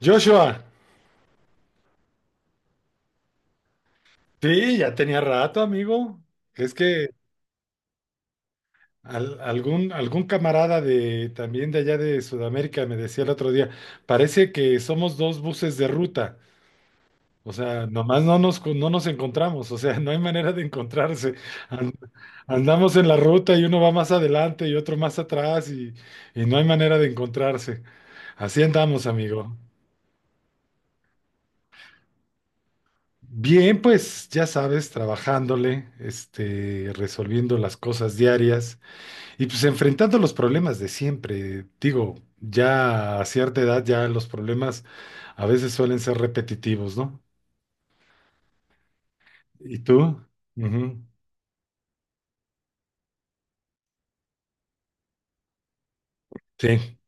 Joshua, sí, ya tenía rato, amigo. Es que algún camarada de también de allá de Sudamérica me decía el otro día, parece que somos dos buses de ruta. O sea, nomás no nos encontramos, o sea, no hay manera de encontrarse. An- Andamos en la ruta y uno va más adelante y otro más atrás, y no hay manera de encontrarse. Así andamos, amigo. Bien, pues ya sabes, trabajándole, resolviendo las cosas diarias. Y pues enfrentando los problemas de siempre, digo, ya a cierta edad ya los problemas a veces suelen ser repetitivos, ¿no? ¿Y tú? Ujú. Sí,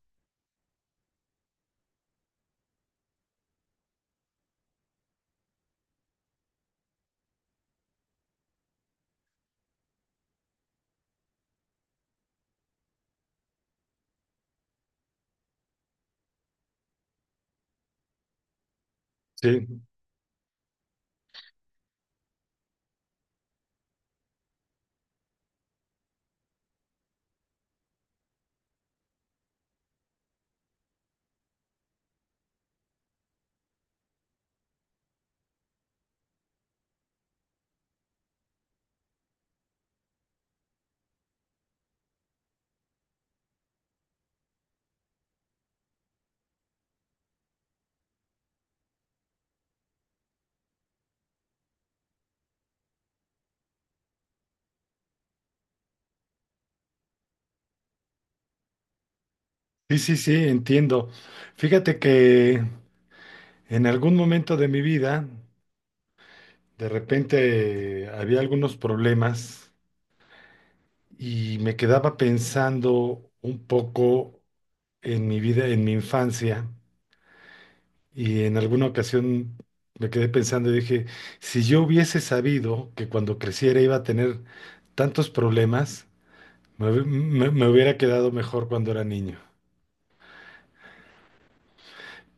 sí, sí, sí, sí, entiendo. Fíjate que en algún momento de mi vida, de repente había algunos problemas y me quedaba pensando un poco en mi vida, en mi infancia. Y en alguna ocasión me quedé pensando y dije, si yo hubiese sabido que cuando creciera iba a tener tantos problemas, me hubiera quedado mejor cuando era niño.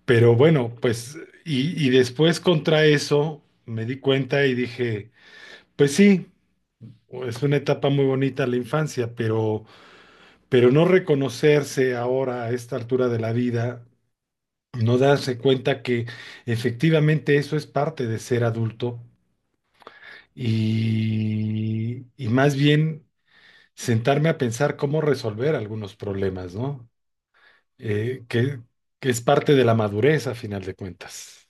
Pero bueno, pues, y después contra eso me di cuenta y dije, pues sí, es una etapa muy bonita la infancia, pero no reconocerse ahora a esta altura de la vida, no darse cuenta que efectivamente eso es parte de ser adulto y más bien sentarme a pensar cómo resolver algunos problemas, ¿no? Eh, que, que es parte de la madurez a final de cuentas.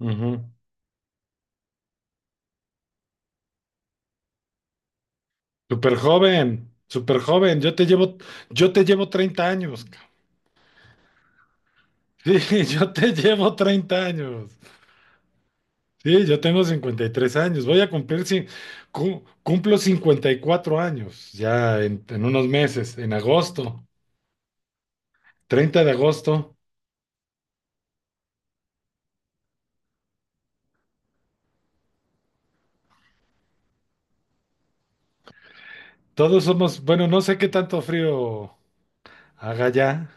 Ujú. Súper joven, yo te llevo 30 años, cabrón. Sí, yo te llevo 30 años. Sí, yo tengo 53 años. Voy a cumplir, sí, cumplo 54 años ya en unos meses, en agosto, 30 de agosto. Todos somos, bueno, no sé qué tanto frío haga ya,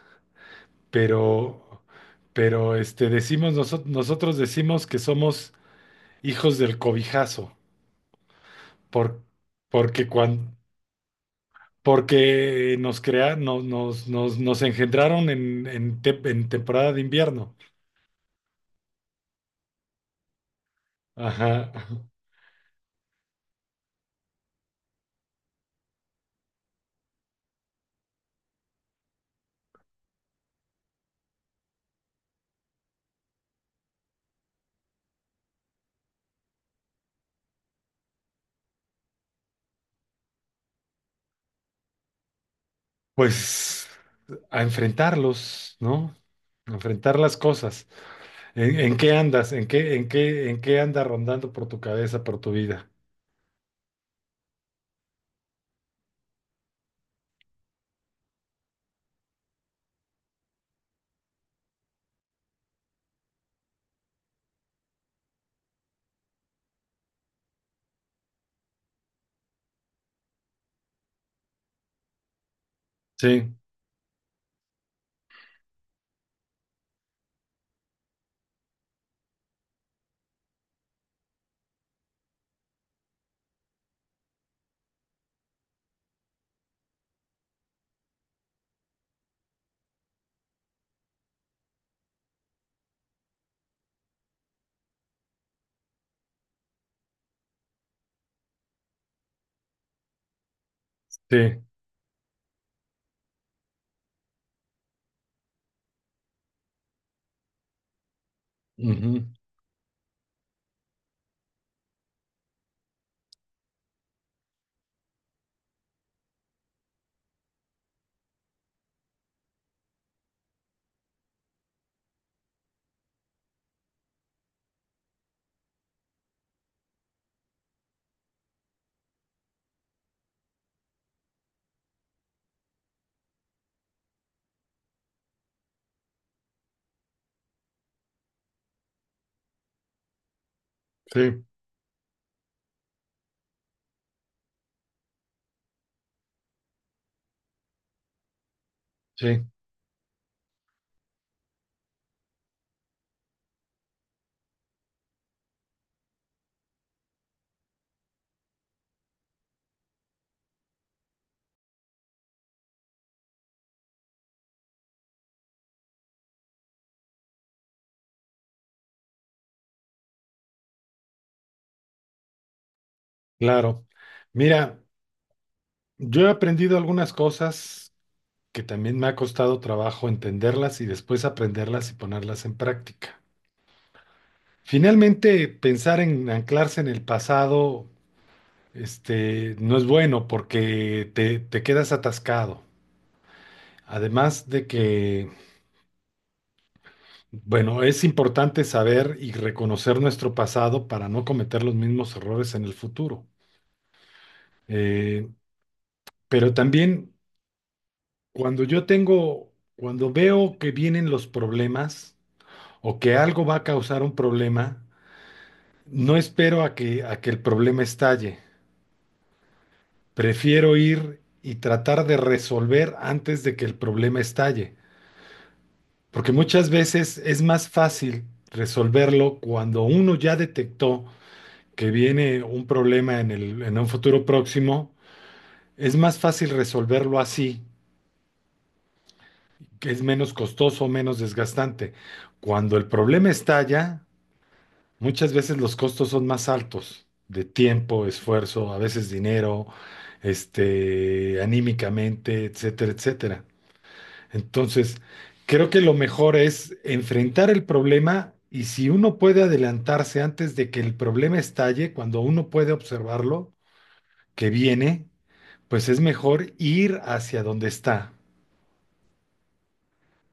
pero, pero decimos, nosotros decimos que somos hijos del cobijazo, por- porque cuando, porque nos crea, no- nos, nos, nos engendraron en temporada de invierno. Ajá. Pues a enfrentarlos, ¿no? A enfrentar las cosas. En qué andas? En qué anda rondando por tu cabeza, por tu vida? Sí. Sí, ujú, sí, sí, claro. Mira, yo he aprendido algunas cosas que también me ha costado trabajo entenderlas y después aprenderlas y ponerlas en práctica. Finalmente, pensar en anclarse en el pasado, no es bueno porque te quedas atascado. Además de que, bueno, es importante saber y reconocer nuestro pasado para no cometer los mismos errores en el futuro. Eh, pero también, Cuando yo tengo, cuando veo que vienen los problemas o que algo va a causar un problema, no espero a que el problema estalle. Prefiero ir y tratar de resolver antes de que el problema estalle. Porque muchas veces es más fácil resolverlo cuando uno ya detectó que viene un problema en un futuro próximo. Es más fácil resolverlo así, que es menos costoso, menos desgastante. Cuando el problema estalla, muchas veces los costos son más altos de tiempo, esfuerzo, a veces dinero, anímicamente, etcétera, etcétera. Entonces, creo que lo mejor es enfrentar el problema, y si uno puede adelantarse antes de que el problema estalle, cuando uno puede observarlo, que viene, pues es mejor ir hacia donde está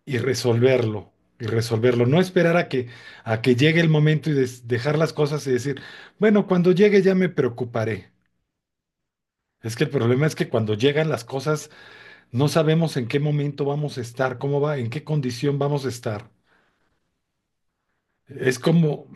y resolverlo, y resolverlo. No esperar a que llegue el momento y dejar las cosas y decir, bueno, cuando llegue ya me preocuparé. Es que el problema es que cuando llegan las cosas no sabemos en qué momento vamos a estar, cómo va, en qué condición vamos a estar. Es como,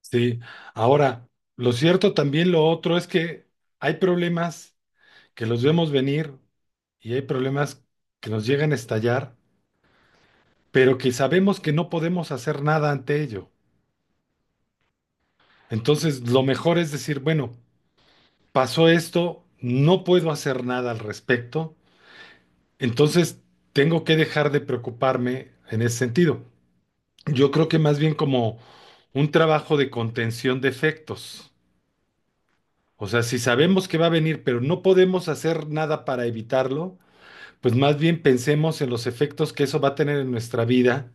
sí. Ahora, lo cierto también lo otro es que hay problemas que los vemos venir y hay problemas que nos llegan a estallar, pero que sabemos que no podemos hacer nada ante ello. Entonces, lo mejor es decir, bueno, pasó esto, no puedo hacer nada al respecto, entonces tengo que dejar de preocuparme en ese sentido. Yo creo que más bien como un trabajo de contención de efectos. O sea, si sabemos que va a venir, pero no podemos hacer nada para evitarlo, pues más bien pensemos en los efectos que eso va a tener en nuestra vida,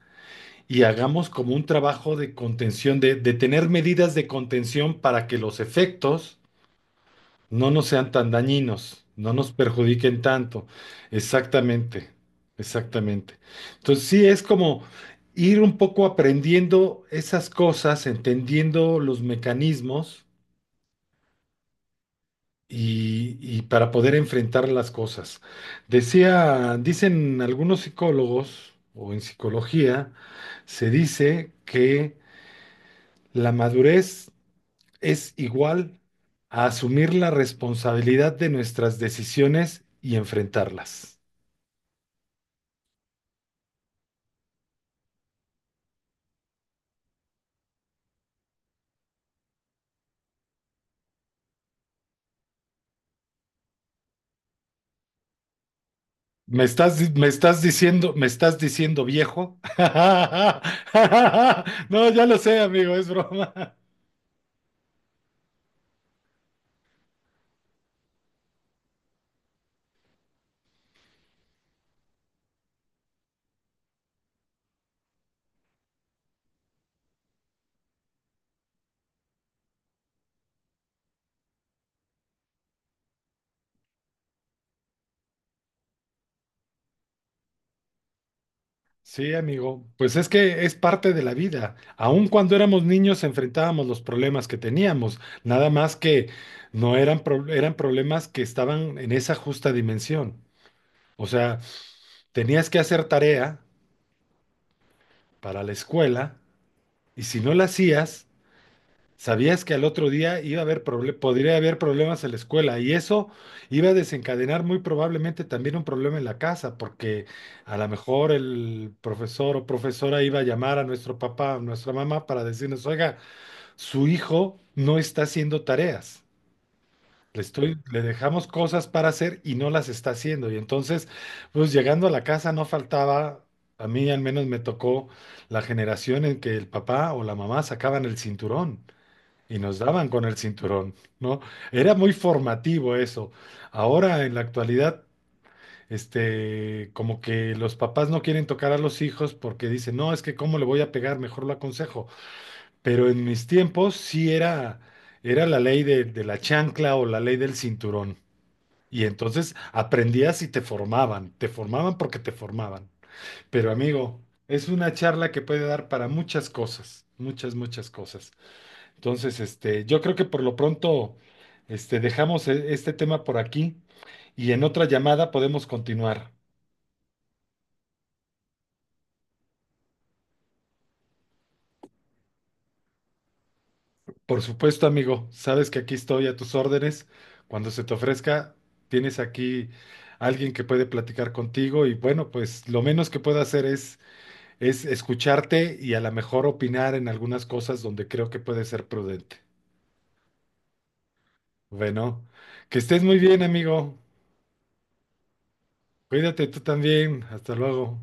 y hagamos como un trabajo de contención, de tener medidas de contención para que los efectos no nos sean tan dañinos, no nos perjudiquen tanto. Exactamente, exactamente. Entonces sí, es como ir un poco aprendiendo esas cosas, entendiendo los mecanismos, y para poder enfrentar las cosas. Dicen algunos psicólogos o en psicología, se dice que la madurez es igual a asumir la responsabilidad de nuestras decisiones y enfrentarlas. Me estás diciendo viejo? No, ya lo sé, amigo, es broma. Sí, amigo, pues es que es parte de la vida. Aun cuando éramos niños enfrentábamos los problemas que teníamos, nada más que no eran, pro- eran problemas que estaban en esa justa dimensión. O sea, tenías que hacer tarea para la escuela. Y si no la hacías, sabías que al otro día iba a haber proble- podría haber problemas en la escuela, y eso iba a desencadenar muy probablemente también un problema en la casa, porque a lo mejor el profesor o profesora iba a llamar a nuestro papá o nuestra mamá para decirnos, oiga, su hijo no está haciendo tareas. Le dejamos cosas para hacer y no las está haciendo. Y entonces, pues llegando a la casa no faltaba, a mí al menos me tocó la generación en que el papá o la mamá sacaban el cinturón y nos daban con el cinturón, ¿no? Era muy formativo eso. Ahora en la actualidad, como que los papás no quieren tocar a los hijos porque dicen, no, es que cómo le voy a pegar, mejor lo aconsejo. Pero en mis tiempos sí era, era la ley de la chancla o la ley del cinturón. Y entonces aprendías y te formaban porque te formaban. Pero amigo, es una charla que puede dar para muchas cosas, muchas, muchas cosas. Entonces, yo creo que por lo pronto, dejamos este tema por aquí y en otra llamada podemos continuar. Por supuesto, amigo, sabes que aquí estoy a tus órdenes. Cuando se te ofrezca, tienes aquí alguien que puede platicar contigo, y bueno, pues lo menos que puedo hacer es escucharte y a lo mejor opinar en algunas cosas donde creo que puede ser prudente. Bueno, que estés muy bien, amigo. Cuídate tú también. Hasta luego.